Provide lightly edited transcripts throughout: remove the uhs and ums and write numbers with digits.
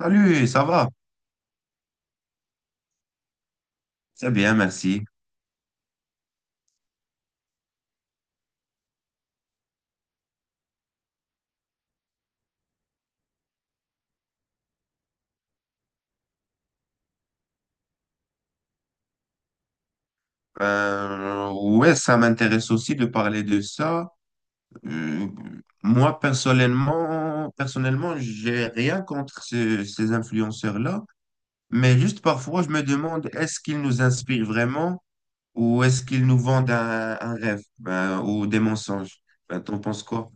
Salut, ça va? C'est bien, merci. Ouais, ça m'intéresse aussi de parler de ça. Euh, moi, personnellement, j'ai rien contre ces influenceurs-là, mais juste parfois, je me demande, est-ce qu'ils nous inspirent vraiment ou est-ce qu'ils nous vendent un rêve, ben, ou des mensonges? Ben, t'en penses quoi?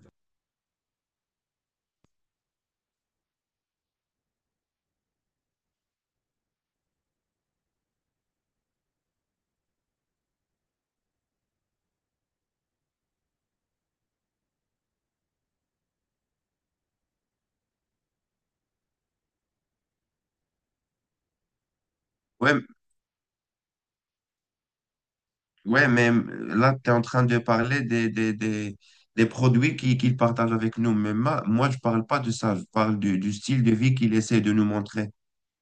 Ouais, ouais, mais là, tu es en train de parler des produits qu'il partage avec nous. Mais moi, je parle pas de ça. Je parle du style de vie qu'il essaie de nous montrer.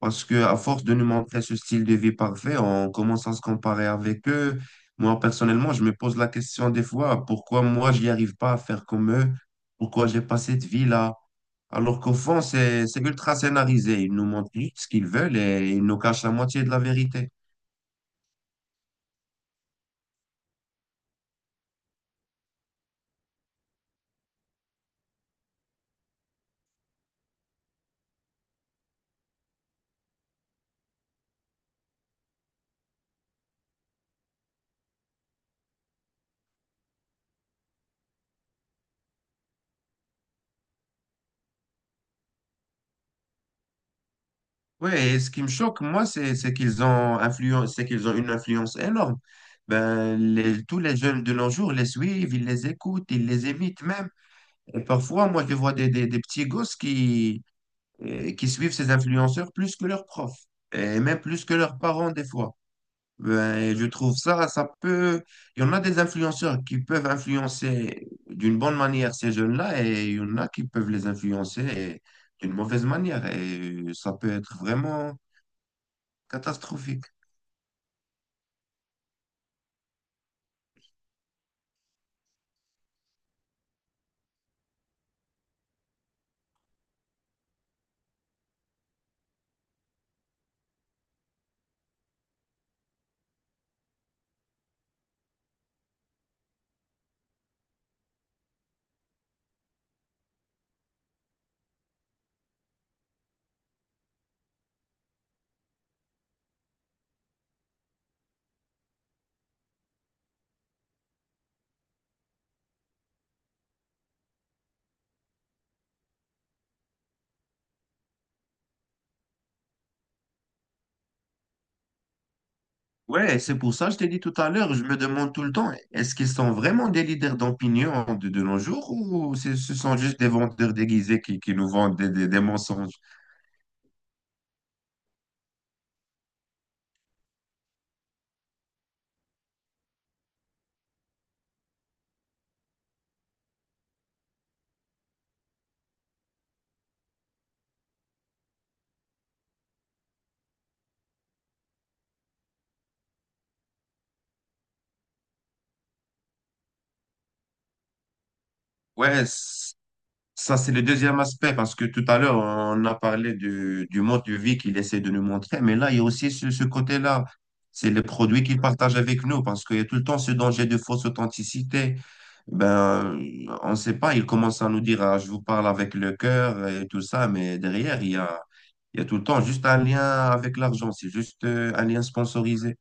Parce que à force de nous montrer ce style de vie parfait, on commence à se comparer avec eux. Moi, personnellement, je me pose la question des fois, pourquoi moi, j'y arrive pas à faire comme eux? Pourquoi j'ai pas cette vie-là? Alors qu'au fond, c'est ultra scénarisé. Ils nous montrent juste ce qu'ils veulent et ils nous cachent la moitié de la vérité. Ouais, et ce qui me choque, moi, c'est qu'ils ont une influence énorme. Ben, tous les jeunes de nos jours les suivent, ils les écoutent, ils les imitent même. Et parfois, moi, je vois des petits gosses qui suivent ces influenceurs plus que leurs profs, et même plus que leurs parents des fois. Ben, et je trouve ça, ça peut. Il y en a des influenceurs qui peuvent influencer d'une bonne manière ces jeunes-là, et il y en a qui peuvent les influencer d'une mauvaise manière. Et ça peut être vraiment catastrophique. Ouais, c'est pour ça que je t'ai dit tout à l'heure, je me demande tout le temps, est-ce qu'ils sont vraiment des leaders d'opinion de nos jours ou ce sont juste des vendeurs déguisés qui nous vendent des mensonges? Ouais, ça, c'est le deuxième aspect, parce que tout à l'heure, on a parlé du mode de vie qu'il essaie de nous montrer, mais là, il y a aussi ce côté-là. C'est les produits qu'il partage avec nous, parce qu'il y a tout le temps ce danger de fausse authenticité. Ben, on ne sait pas, il commence à nous dire, ah, je vous parle avec le cœur et tout ça, mais derrière, il y a tout le temps juste un lien avec l'argent, c'est juste un lien sponsorisé.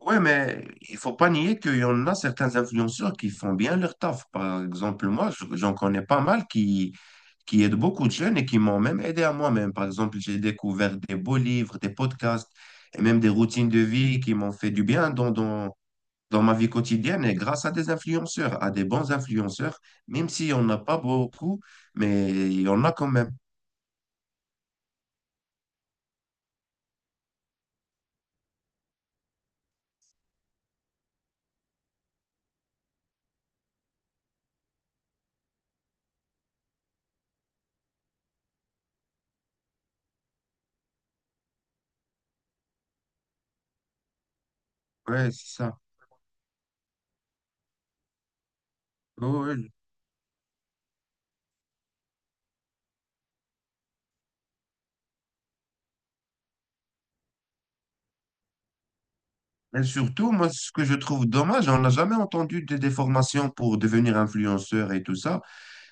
Ouais, mais il faut pas nier qu'il y en a certains influenceurs qui font bien leur taf. Par exemple, moi, j'en connais pas mal qui aident beaucoup de jeunes et qui m'ont même aidé à moi-même. Par exemple, j'ai découvert des beaux livres, des podcasts et même des routines de vie qui m'ont fait du bien dans ma vie quotidienne et grâce à des influenceurs, à des bons influenceurs, même si on n'a pas beaucoup, mais il y en a quand même. Ouais, c'est ça. Ouais, ouais. Et surtout, moi, ce que je trouve dommage, on n'a jamais entendu des formations pour devenir influenceur et tout ça.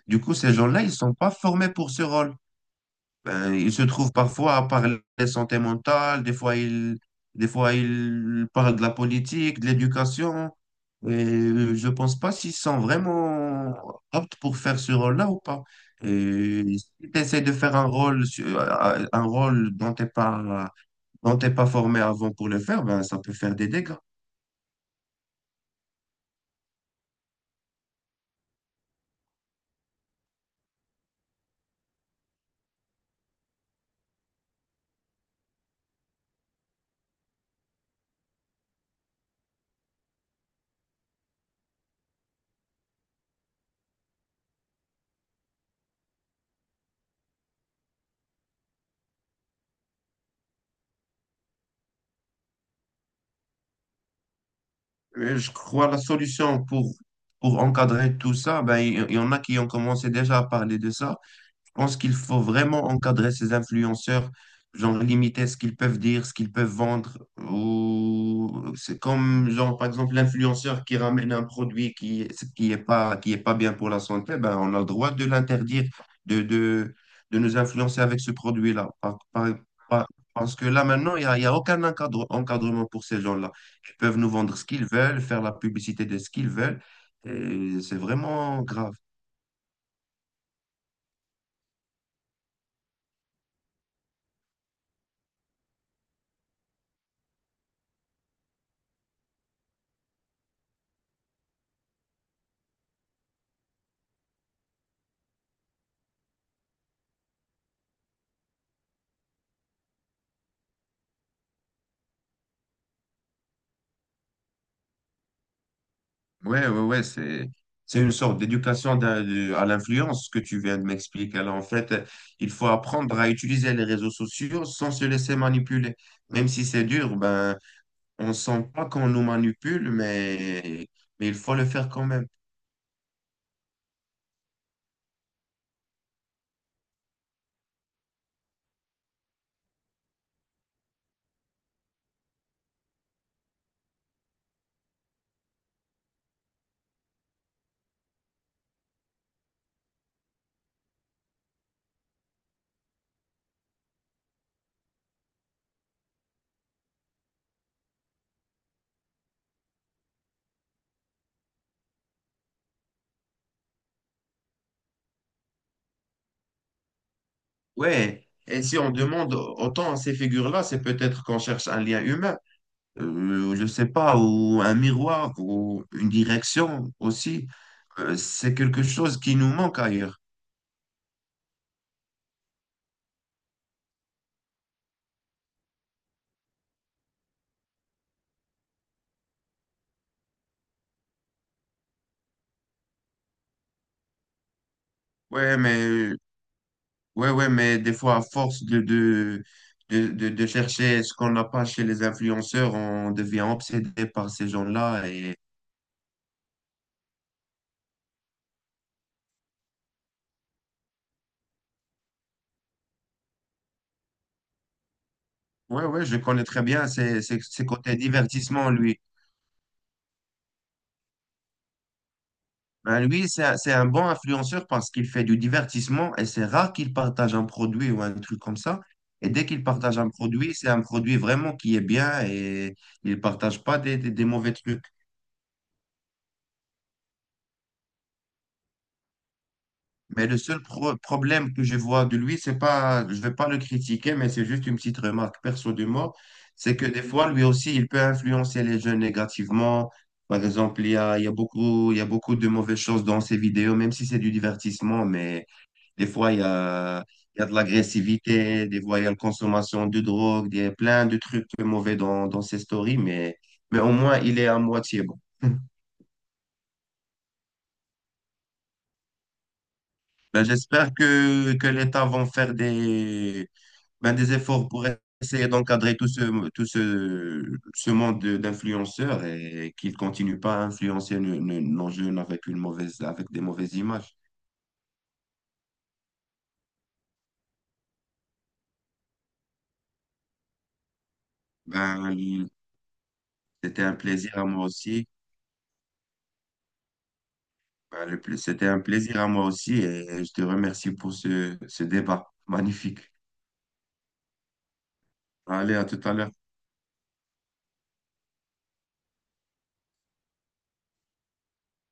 Du coup, ces gens-là, ils ne sont pas formés pour ce rôle. Ben, ils se trouvent parfois à parler de santé mentale, des fois ils parlent de la politique, de l'éducation. Et je pense pas s'ils sont vraiment aptes pour faire ce rôle-là ou pas. Et si tu essaies de faire un rôle, un rôle dont t'es pas formé avant pour le faire, ben, ça peut faire des dégâts. Et je crois la solution pour encadrer tout ça, ben, il y en a qui ont commencé déjà à parler de ça. Je pense qu'il faut vraiment encadrer ces influenceurs, genre limiter ce qu'ils peuvent dire, ce qu'ils peuvent vendre. Ou c'est comme genre par exemple l'influenceur qui ramène un produit qui est pas bien pour la santé, ben on a le droit de l'interdire, de, de de nous influencer avec ce produit-là. Par- Parce que là maintenant il y a aucun encadrement pour ces gens-là. Ils peuvent nous vendre ce qu'ils veulent, faire la publicité de ce qu'ils veulent. Et c'est vraiment grave. Ouais, ouais, ouais, c'est une sorte d'éducation à l'influence que tu viens de m'expliquer. Alors, en fait, il faut apprendre à utiliser les réseaux sociaux sans se laisser manipuler. Même si c'est dur, ben, on sent pas qu'on nous manipule, mais il faut le faire quand même. Ouais, et si on demande autant à ces figures-là, c'est peut-être qu'on cherche un lien humain, je sais pas, ou un miroir, ou une direction aussi. C'est quelque chose qui nous manque ailleurs. Ouais, mais Ouais, ouais, mais des fois, à force de chercher ce qu'on n'a pas chez les influenceurs, on devient obsédé par ces gens-là. Et ouais, ouais, je connais très bien ces côtés divertissement, lui. Ben, lui, c'est un bon influenceur parce qu'il fait du divertissement et c'est rare qu'il partage un produit ou un truc comme ça. Et dès qu'il partage un produit, c'est un produit vraiment qui est bien et il partage pas des mauvais trucs. Mais le seul problème que je vois de lui, c'est pas, je vais pas le critiquer, mais c'est juste une petite remarque perso de moi, c'est que des fois, lui aussi, il peut influencer les jeunes négativement. Par exemple, il y a beaucoup de mauvaises choses dans ses vidéos, même si c'est du divertissement, mais des fois, il y a de l'agressivité, des fois, il y a la consommation de drogue, il y a plein de trucs mauvais dans ses stories, mais au moins, il est à moitié bon. Ben, j'espère que l'État va faire ben, des efforts pour essayer d'encadrer ce monde d'influenceurs et qu'ils ne continuent pas à influencer nos jeunes avec avec des mauvaises images. Ben, c'était un plaisir à moi aussi. Ben, c'était un plaisir à moi aussi et je te remercie pour ce débat magnifique. Allez, à tout à l'heure.